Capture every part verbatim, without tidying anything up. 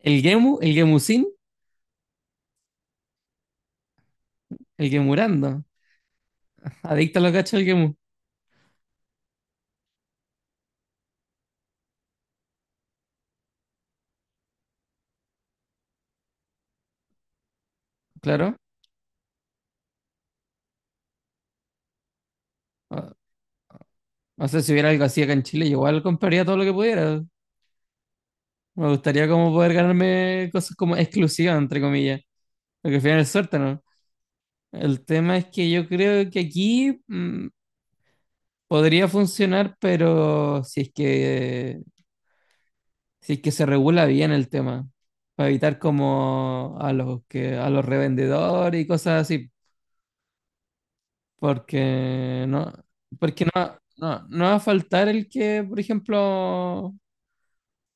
El Gemu, el Gemusin, el Gemurando. Adicto a los gachas del Gemu, claro. O, o sea, si hubiera algo así acá en Chile, yo igual compraría todo lo que pudiera. Me gustaría como poder ganarme cosas como exclusivas, entre comillas. Porque al final es suerte, ¿no? El tema es que yo creo que aquí mm, podría funcionar, pero si es que, si es que se regula bien el tema. Para evitar como a los que, a los revendedores y cosas así. Porque no, porque no, no, no va a faltar el que, por ejemplo,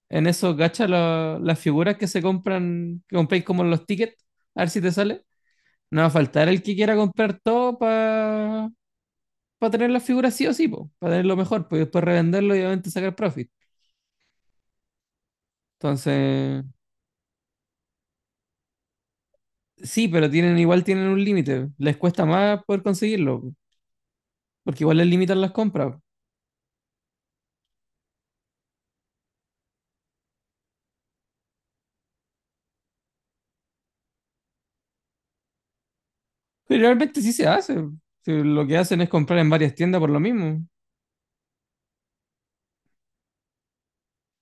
en esos gachas, lo- las figuras que se compran, que compráis como los tickets, a ver si te sale. No va a faltar el que quiera comprar todo para tener las figuras sí o sí, para tener lo mejor, pues, y después revenderlo y obviamente sacar profit. Entonces, sí, pero tienen, igual tienen un límite. Les cuesta más poder conseguirlo, po, porque igual les limitan las compras. Pero realmente sí se hace. Si lo que hacen es comprar en varias tiendas por lo mismo.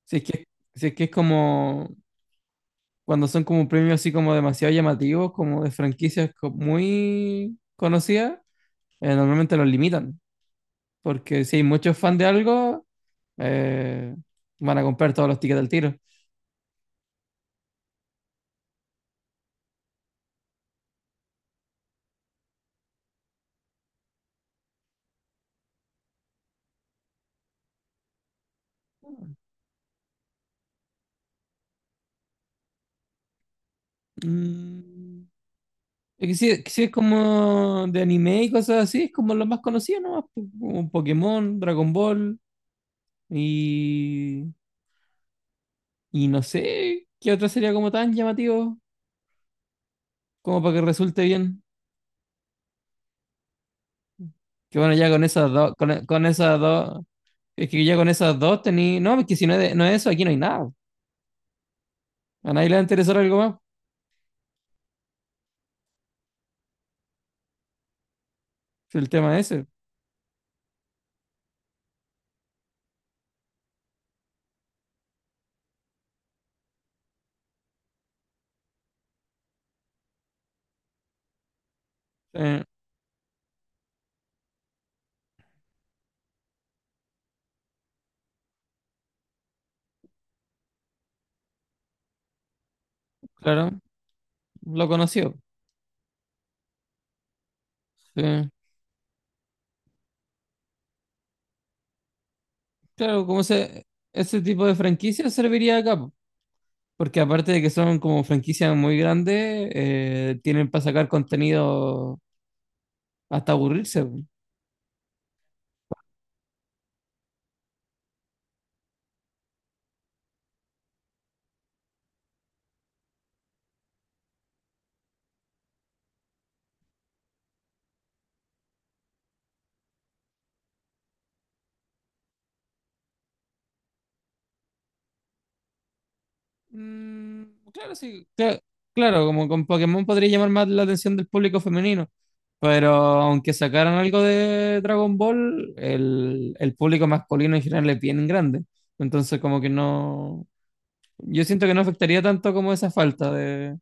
Si es que, si es que es como cuando son como premios así como demasiado llamativos, como de franquicias co- muy conocidas, eh, normalmente los limitan, porque si hay muchos fans de algo, eh, van a comprar todos los tickets al tiro. Mm, es que si, si es como de anime y cosas así, es como los más conocidos nomás, po- como Pokémon, Dragon Ball y, y no sé qué otro sería como tan llamativo como para que resulte bien. Que bueno, ya con esas dos, con, con esas dos, es que ya con esas dos tení, no, es que si no es, de- no es eso, aquí no hay nada. A nadie le va a interesar algo más. Si el tema es ese. Eh, claro, lo conoció. Sí. Claro, como se, ese tipo de franquicias serviría acá, po. Porque aparte de que son como franquicias muy grandes, eh, tienen para sacar contenido hasta aburrirse. Mm, claro, sí. cla- Claro, como con Pokémon podría llamar más la atención del público femenino. Pero aunque sacaran algo de Dragon Ball, el, el público masculino en general es bien grande. Entonces, como que no. Yo siento que no afectaría tanto como esa falta de.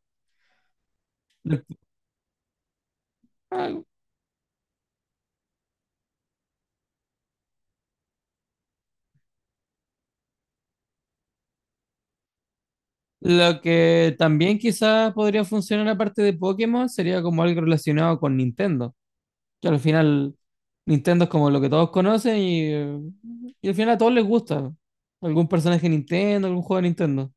de- ah, Lo que también quizás podría funcionar aparte de Pokémon sería como algo relacionado con Nintendo. Que al final Nintendo es como lo que todos conocen y, eh, y al final a todos les gusta. Algún personaje de Nintendo, algún juego de Nintendo.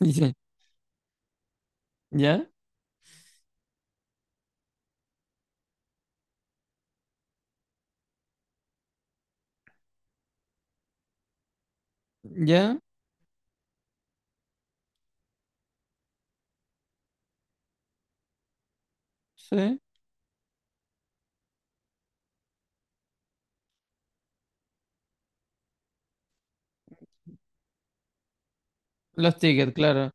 Dice, ¿ya? ¿Ya? Sí. Los tickets, claro.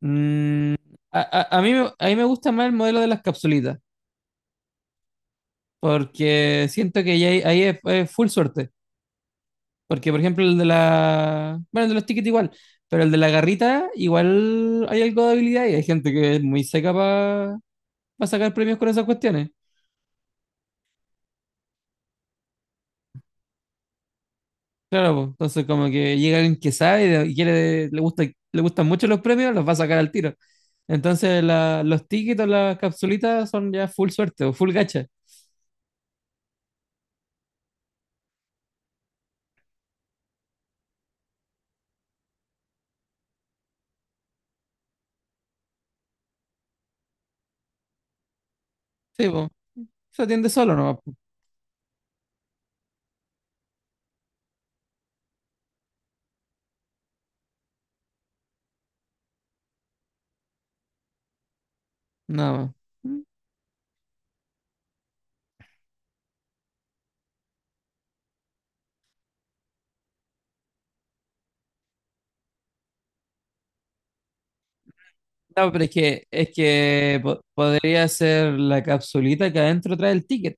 Mm, a, a- a mí, me- a mí me gusta más el modelo de las capsulitas, porque siento que ya ahí, ahí es, es full suerte. Porque, por ejemplo, el de la... Bueno, el de los tickets igual, pero el de la garrita igual hay algo de habilidad y hay gente que es muy seca para sacar premios con esas cuestiones. Claro, pues, entonces como que llega alguien que sabe y de- y quiere, le gusta, le gustan mucho los premios, los va a sacar al tiro. Entonces la- los tickets, o las capsulitas son ya full suerte o full gacha. Sí, pues, se atiende solo nomás, pues, nada más. Mm. No, pero es que, es que po- podría ser la capsulita que adentro trae el ticket.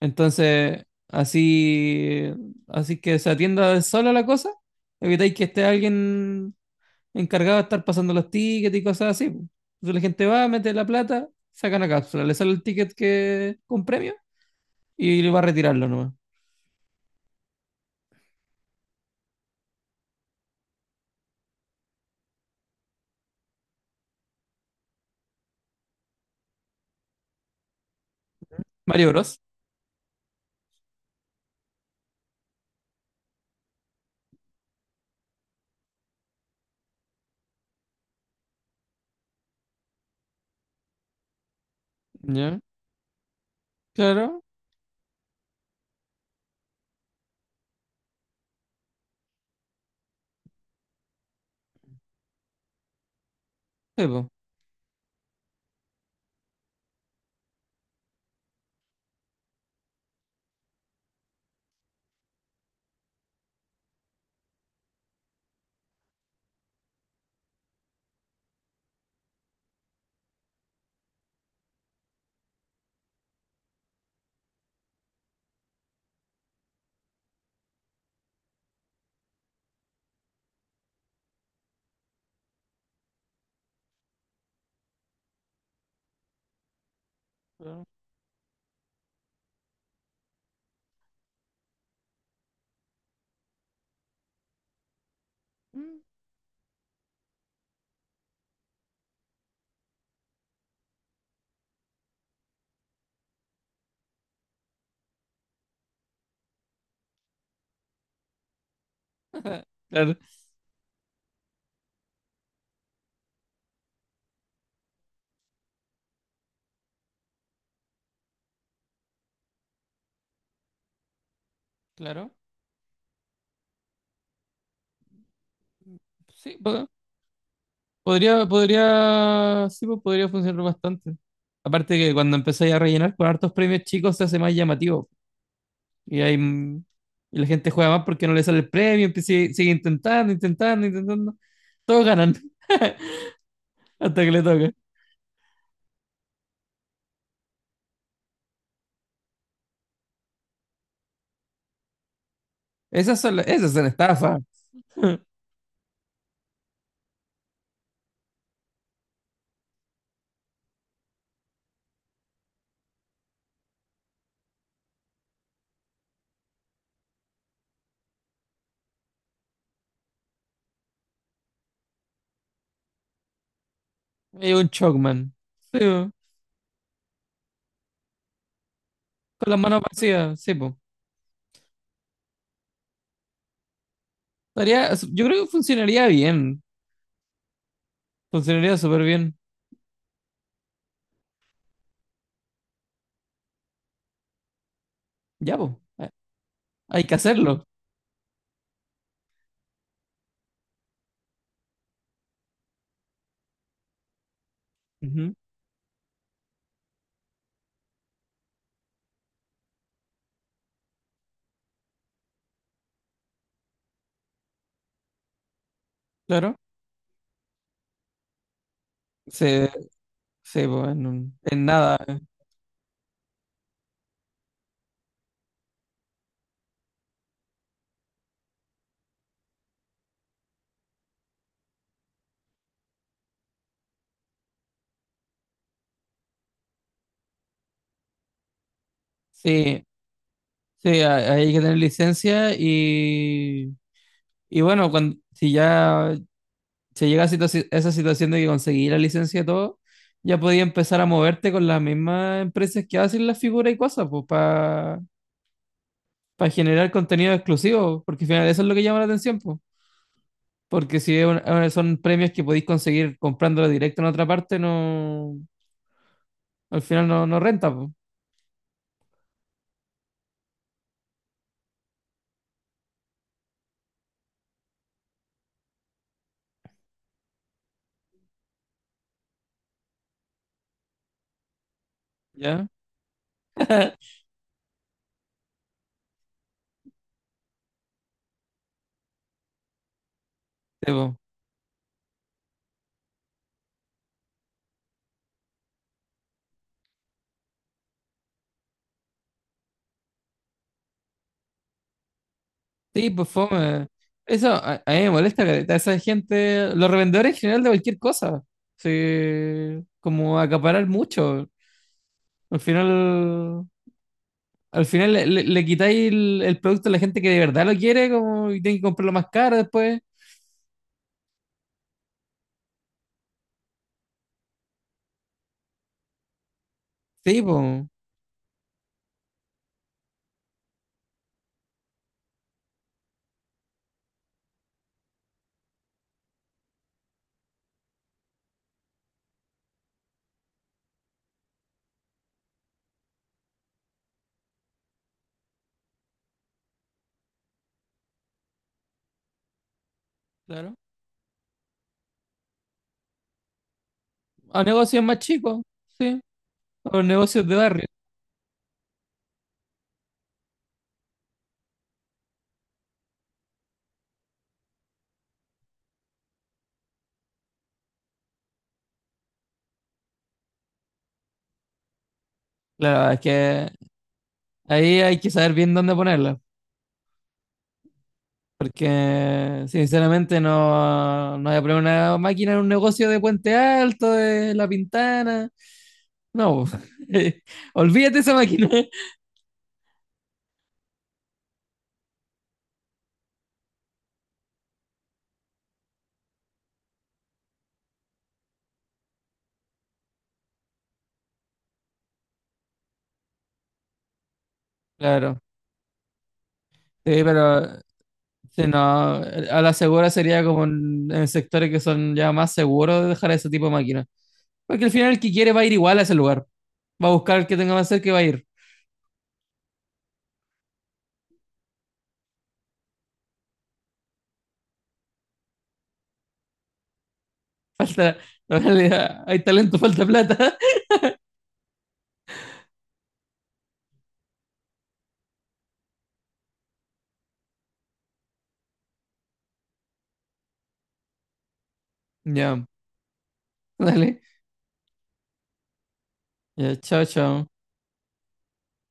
Entonces, así, así que se atienda sola la cosa, evitáis que esté alguien encargado de estar pasando los tickets y cosas así, po. Entonces la gente va, mete la plata, saca una cápsula, le sale el ticket que con premio y le va a retirarlo nomás. Mario Bros. ¿Ya? Claro, sí, po. Claro. Mm, claro, claro. Sí, po- podría, podría, sí, po, podría funcionar bastante. Aparte que cuando empezáis a rellenar con hartos premios chicos se hace más llamativo. Y hay, mm, y la gente juega más porque no le sale el premio, empie- sigue, sigue intentando, intentando, intentando. Todos ganan hasta que le toca. Esas son, la- esas son estafas. Y un Chocman. Sí, po. Con las manos vacías, sí, po. Estaría- yo creo que funcionaría bien. Funcionaría súper bien. Ya, po. Eh, Hay que hacerlo. Ujú, claro. Sí, sí, po, en, un- en nada. Sí, sí, ha- hay que tener licencia y, y bueno, cuando, si ya se llega a situa- esa situación de que conseguí la licencia y todo, ya podía empezar a moverte con las mismas empresas que hacen las figuras y cosas, pues, para para generar contenido exclusivo, porque al final eso es lo que llama la atención, po. Porque si es un- eh, son premios que podéis conseguir comprándolo directo en otra parte, no, al final no, no renta, po. ¿Ya? Sí, po. Sí, pues fome. Eso a, a mí me molesta, careta, esa gente, los revendedores en general de cualquier cosa, sí, como acaparar mucho. Al final, al final le, le- le quitáis el, el producto a la gente que de verdad lo quiere, como, y tiene que comprarlo más caro después. Sí, pues. A negocios más chicos, sí, o negocios de barrio. La verdad es que ahí hay que saber bien dónde ponerla, porque sinceramente no, no voy a poner una máquina en un negocio de Puente Alto, de La Pintana, no, olvídate esa máquina. Claro, sí, pero sí, no, a la segura sería como en, en sectores que son ya más seguros de dejar ese tipo de máquinas, porque al final el que quiere va a ir igual a ese lugar, va a buscar el que tenga más cerca y va a ir. Falta, vale, hay talento, falta plata. Ya, dale. Ya, chao, chao.